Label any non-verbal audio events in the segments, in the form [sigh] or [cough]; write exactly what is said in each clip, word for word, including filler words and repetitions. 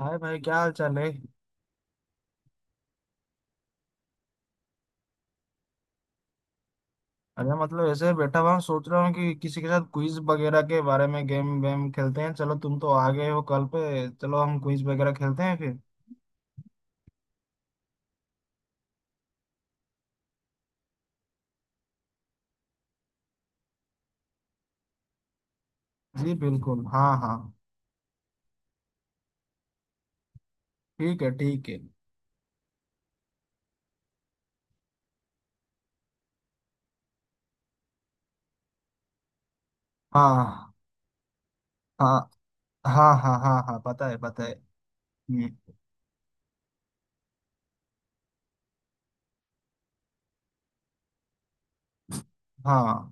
हाय भाई, क्या हाल चाल है? अरे मतलब ऐसे बैठा हुआ हूँ, सोच रहा हूँ कि किसी के साथ क्विज वगैरह के बारे में गेम वेम खेलते हैं। चलो तुम तो आ गए हो कल पे, चलो हम क्विज वगैरह खेलते हैं फिर। जी बिल्कुल, हाँ हाँ। ठीक है, ठीक है। हाँ हाँ हाँ हाँ हाँ हाँ, पता है पता है। हम्म, हाँ।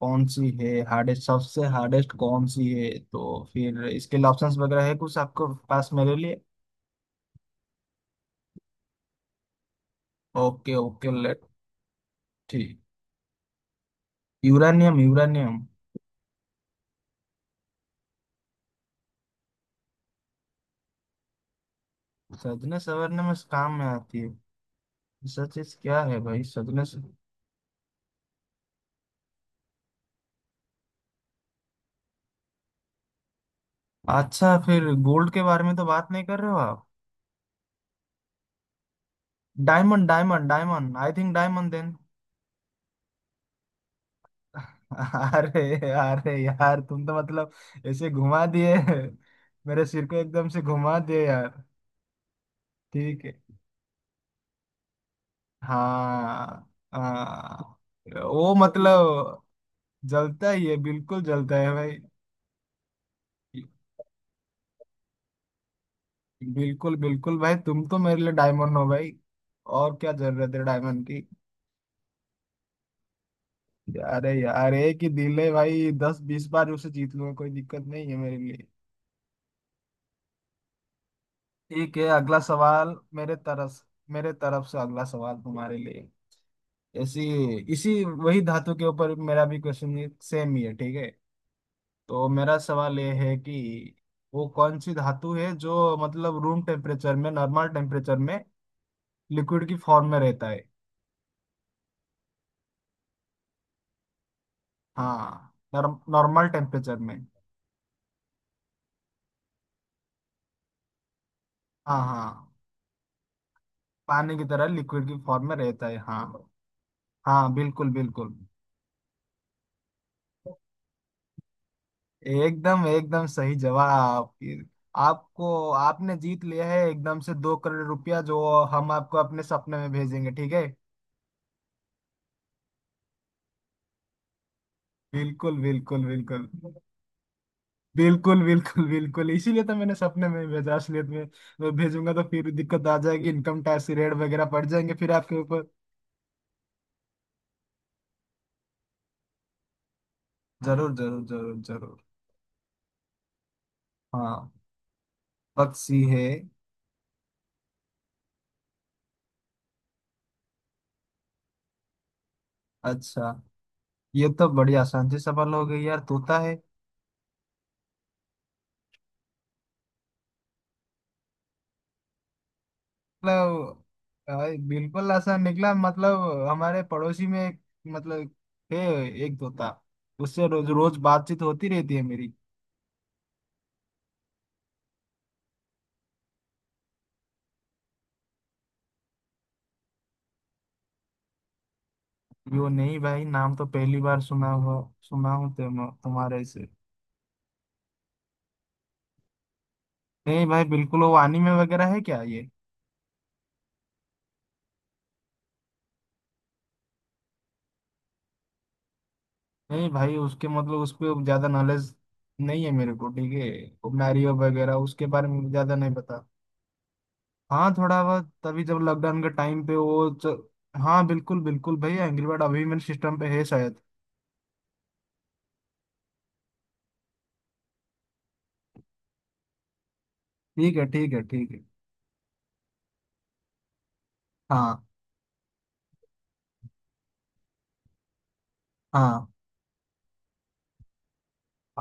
कौन सी है हार्डेस्ट, सबसे हार्डेस्ट कौन सी है तो? फिर इसके लिए ऑप्शंस वगैरह है कुछ आपके पास मेरे लिए? Okay okay, late. ठीक। Uranium, uranium. सजने संवरने में काम में आती है? रिसर्चेस क्या है भाई सदमे से? अच्छा, फिर गोल्ड के बारे में तो बात नहीं कर रहे हो आप? Diamond diamond diamond, I think diamond then. [laughs] अरे अरे यार, तुम तो मतलब ऐसे घुमा दिए। मेरे सिर को एकदम से घुमा दिए यार। ठीक है। हाँ हाँ। वो मतलब जलता ही है, बिल्कुल जलता है भाई। बिल्कुल बिल्कुल भाई, तुम तो मेरे लिए डायमंड हो भाई। और क्या जरूरत है डायमंड की। अरे यार, एक ही दिल है भाई, दस बीस बार उसे जीत लूंगा, कोई दिक्कत नहीं है मेरे लिए। ठीक है, अगला सवाल मेरे तरफ। मेरे तरफ से अगला सवाल तुम्हारे लिए। ऐसी इसी वही धातु के ऊपर मेरा भी क्वेश्चन सेम ही है, ठीक है। तो मेरा सवाल ये है कि वो कौन सी धातु है जो मतलब रूम टेम्परेचर में, नॉर्मल टेम्परेचर में लिक्विड की फॉर्म में रहता है? हाँ। नॉर्मल टेम्परेचर में। हाँ हाँ। पानी की तरह लिक्विड की फॉर्म में रहता है, हाँ। हाँ बिल्कुल बिल्कुल। एकदम एकदम सही जवाब फिर आपको। आपने जीत लिया है एकदम से दो करोड़ रुपया, जो हम आपको अपने सपने में भेजेंगे, ठीक है। बिल्कुल बिल्कुल बिल्कुल। बिल्कुल बिल्कुल बिल्कुल, इसीलिए तो मैंने सपने में भेजा। असलियत में मैं भेजूंगा तो फिर दिक्कत आ जाएगी, इनकम टैक्स की रेट वगैरह पड़ जाएंगे फिर आपके ऊपर। जरूर जरूर जरूर जरूर। हाँ। पक्षी है। अच्छा, ये तो बड़ी आसान सी सवाल हो गई यार, तोता है। मतलब अ, बिल्कुल ऐसा निकला, मतलब हमारे पड़ोसी में एक, मतलब थे एक तोता, उससे रोज रोज बातचीत होती रहती है मेरी। कि वो नहीं भाई, नाम तो पहली बार सुना हुआ, सुना हूँ तुम- तुम्हारे से। नहीं भाई, बिल्कुल वो anime वगैरह है क्या ये? नहीं भाई, उसके मतलब उस पर ज्यादा नॉलेज नहीं है मेरे को, ठीक है। वो मैरियो वगैरह, उसके बारे में ज्यादा नहीं पता। हाँ थोड़ा बहुत, तभी जब लॉकडाउन के टाइम पे वो च... हाँ बिल्कुल बिल्कुल भाई, एंग्री बर्ड अभी मेरे सिस्टम पे है शायद। ठीक है, ठीक है, ठीक है। हाँ हाँ।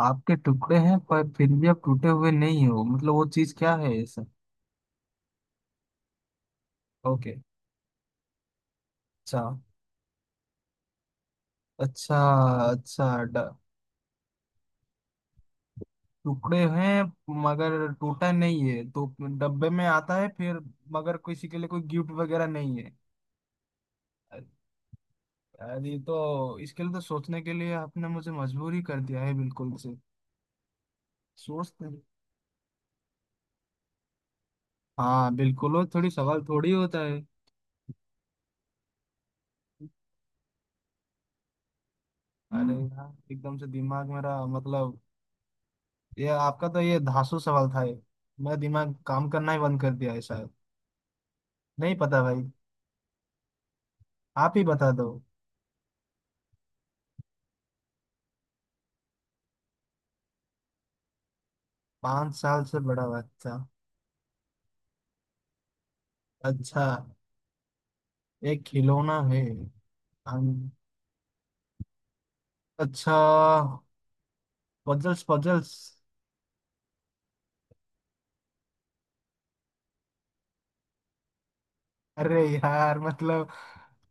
आपके टुकड़े हैं पर फिर भी आप टूटे हुए नहीं हो, मतलब वो चीज क्या है ये सब? ओके। अच्छा अच्छा अच्छा ड- टुकड़े हैं मगर टूटा नहीं है तो, डब्बे में आता है फिर, मगर किसी के लिए कोई गिफ्ट वगैरह नहीं है। अ- अरे, ये तो इसके लिए तो सोचने के लिए आपने मुझे मजबूर ही कर दिया है बिल्कुल से। सोचते हैं। हाँ बिल्कुल, वो थोड़ी सवाल थोड़ी होता है। अरे यार, एकदम से दिमाग मेरा मतलब, ये आपका तो ये धांसू सवाल था ये, मेरा दिमाग काम करना ही बंद कर दिया है शायद। नहीं पता भाई। आप ही बता दो। पांच साल से बड़ा बच्चा। अच्छा। एक खिलौना है। हम- अच्छा पजल्स, पजल्स। अरे यार मतलब,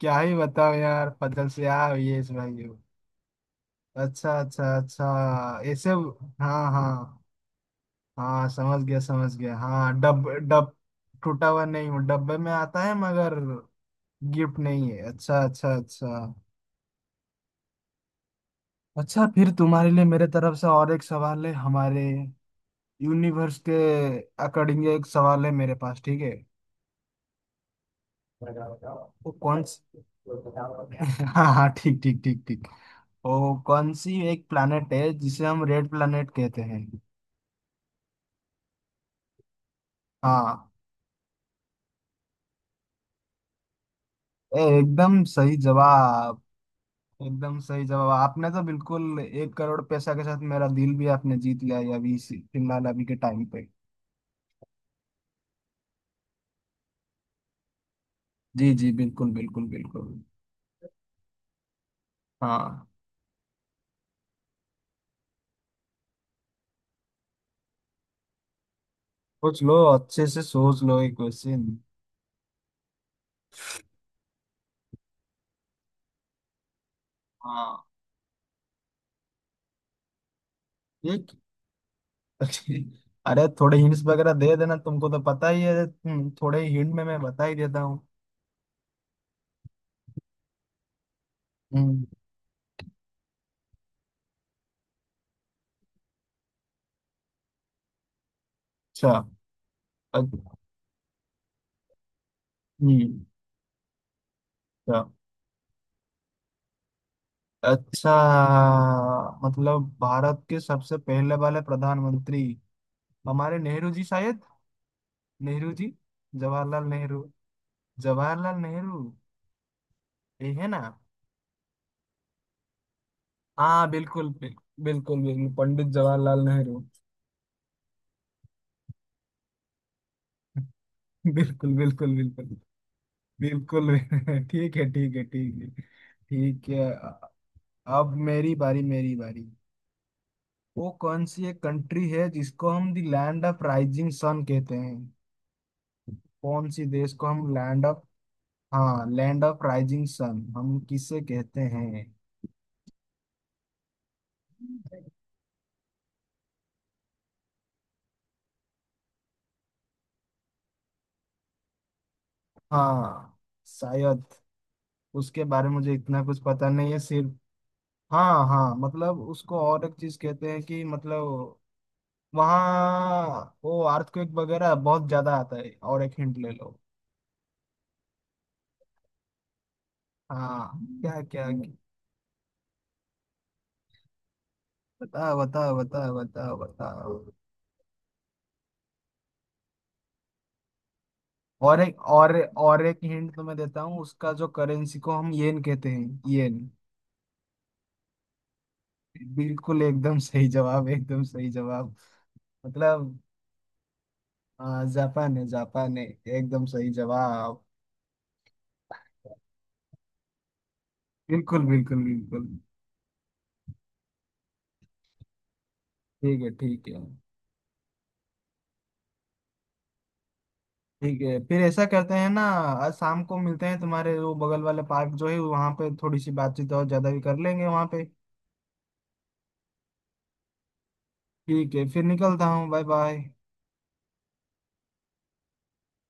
क्या ही बताओ यार, पजल्स यार, ये इस भाई हो। अच्छा अच्छा अच्छा। ऐसे, हाँ हाँ। हाँ, समझ गया समझ गया, हाँ डब डब। टूटा हुआ नहीं हूँ, डब्बे में आता है मगर गिफ्ट नहीं है, अच्छा अच्छा अच्छा। अच्छा, फिर तुम्हारे लिए मेरे तरफ से और एक सवाल है, हमारे यूनिवर्स के अकॉर्डिंग एक सवाल है मेरे पास, ठीक है। वो कौन स- [laughs] हाँ हाँ, ठीक ठीक ठीक ठीक। वो कौन सी एक planet है जिसे हम रेड planet कहते हैं? हाँ। ए, एकदम सही जवाब, एकदम सही जवाब, आपने तो बिल्कुल एक करोड़ पैसा के साथ मेरा दिल भी आपने जीत लिया है अभी इसी- फिलहाल अभी के टाइम पे। जी जी बिल्कुल बिल्कुल बिल्कुल। हाँ। सोच लो, अच्छे से सोच लो ये क्वेश्चन। हाँ। एक। [laughs] अरे थोड़े हिंट्स वगैरह दे देना, तुमको तो पता ही है, हम्म, थोड़े हिंट में मैं बता ही देता हूँ। हम्म, अच्छा अच- हम्म, अच्छा अच्छा। मतलब भारत के सबसे पहले वाले प्रधानमंत्री, हमारे नेहरू जी शायद। नेहरू जी। जवाहरलाल नेहरू। जवाहरलाल नेहरू, ये है ना? हाँ बिल्कुल बिल्कुल बिल्कुल बिल्कुल, पंडित जवाहरलाल नेहरू। [laughs] बिल्कुल बिल्कुल बिल्कुल बिल्कुल। [laughs] ठीक है, ठीक है, ठीक है। ठीक है। अ- अब मेरी बारी, मेरी बारी। वो कौन सी एक कंट्री है जिसको हम the land of rising sun कहते हैं? कौन सी देश को हम लैंड ऑफ? हाँ, लैंड ऑफ राइजिंग सन हम किसे कहते हैं? हाँ। शायद उसके बारे में मुझे इतना कुछ पता नहीं है सिर्फ। हाँ हाँ, मतलब उसको और एक चीज कहते हैं कि मतलब वहाँ वो अर्थक्वेक वगैरह बहुत ज्यादा आता है, और एक हिंट ले लो। हाँ, क्या क्या? बताओ बताओ बताओ बताओ बताओ। और एक और और एक हिंट तुम्हें देता हूँ, उसका जो करेंसी को हम येन कहते हैं, येन। बिल्कुल एकदम सही जवाब, एकदम सही, जापान। जवाब। मतलब आ, जापान है, जापान है। एकदम सही जवाब। बिल्कुल बिल्कुल बिल्कुल। ठीक है, ठीक है। ठीक है, फिर ऐसा करते हैं ना। आज शाम को मिलते हैं, तुम्हारे वो बगल वाले पार्क जो है वहां पे, थोड़ी सी बातचीत और ज्यादा भी कर लेंगे वहां पे। ठीक है, फिर निकलता हूँ, बाय बाय।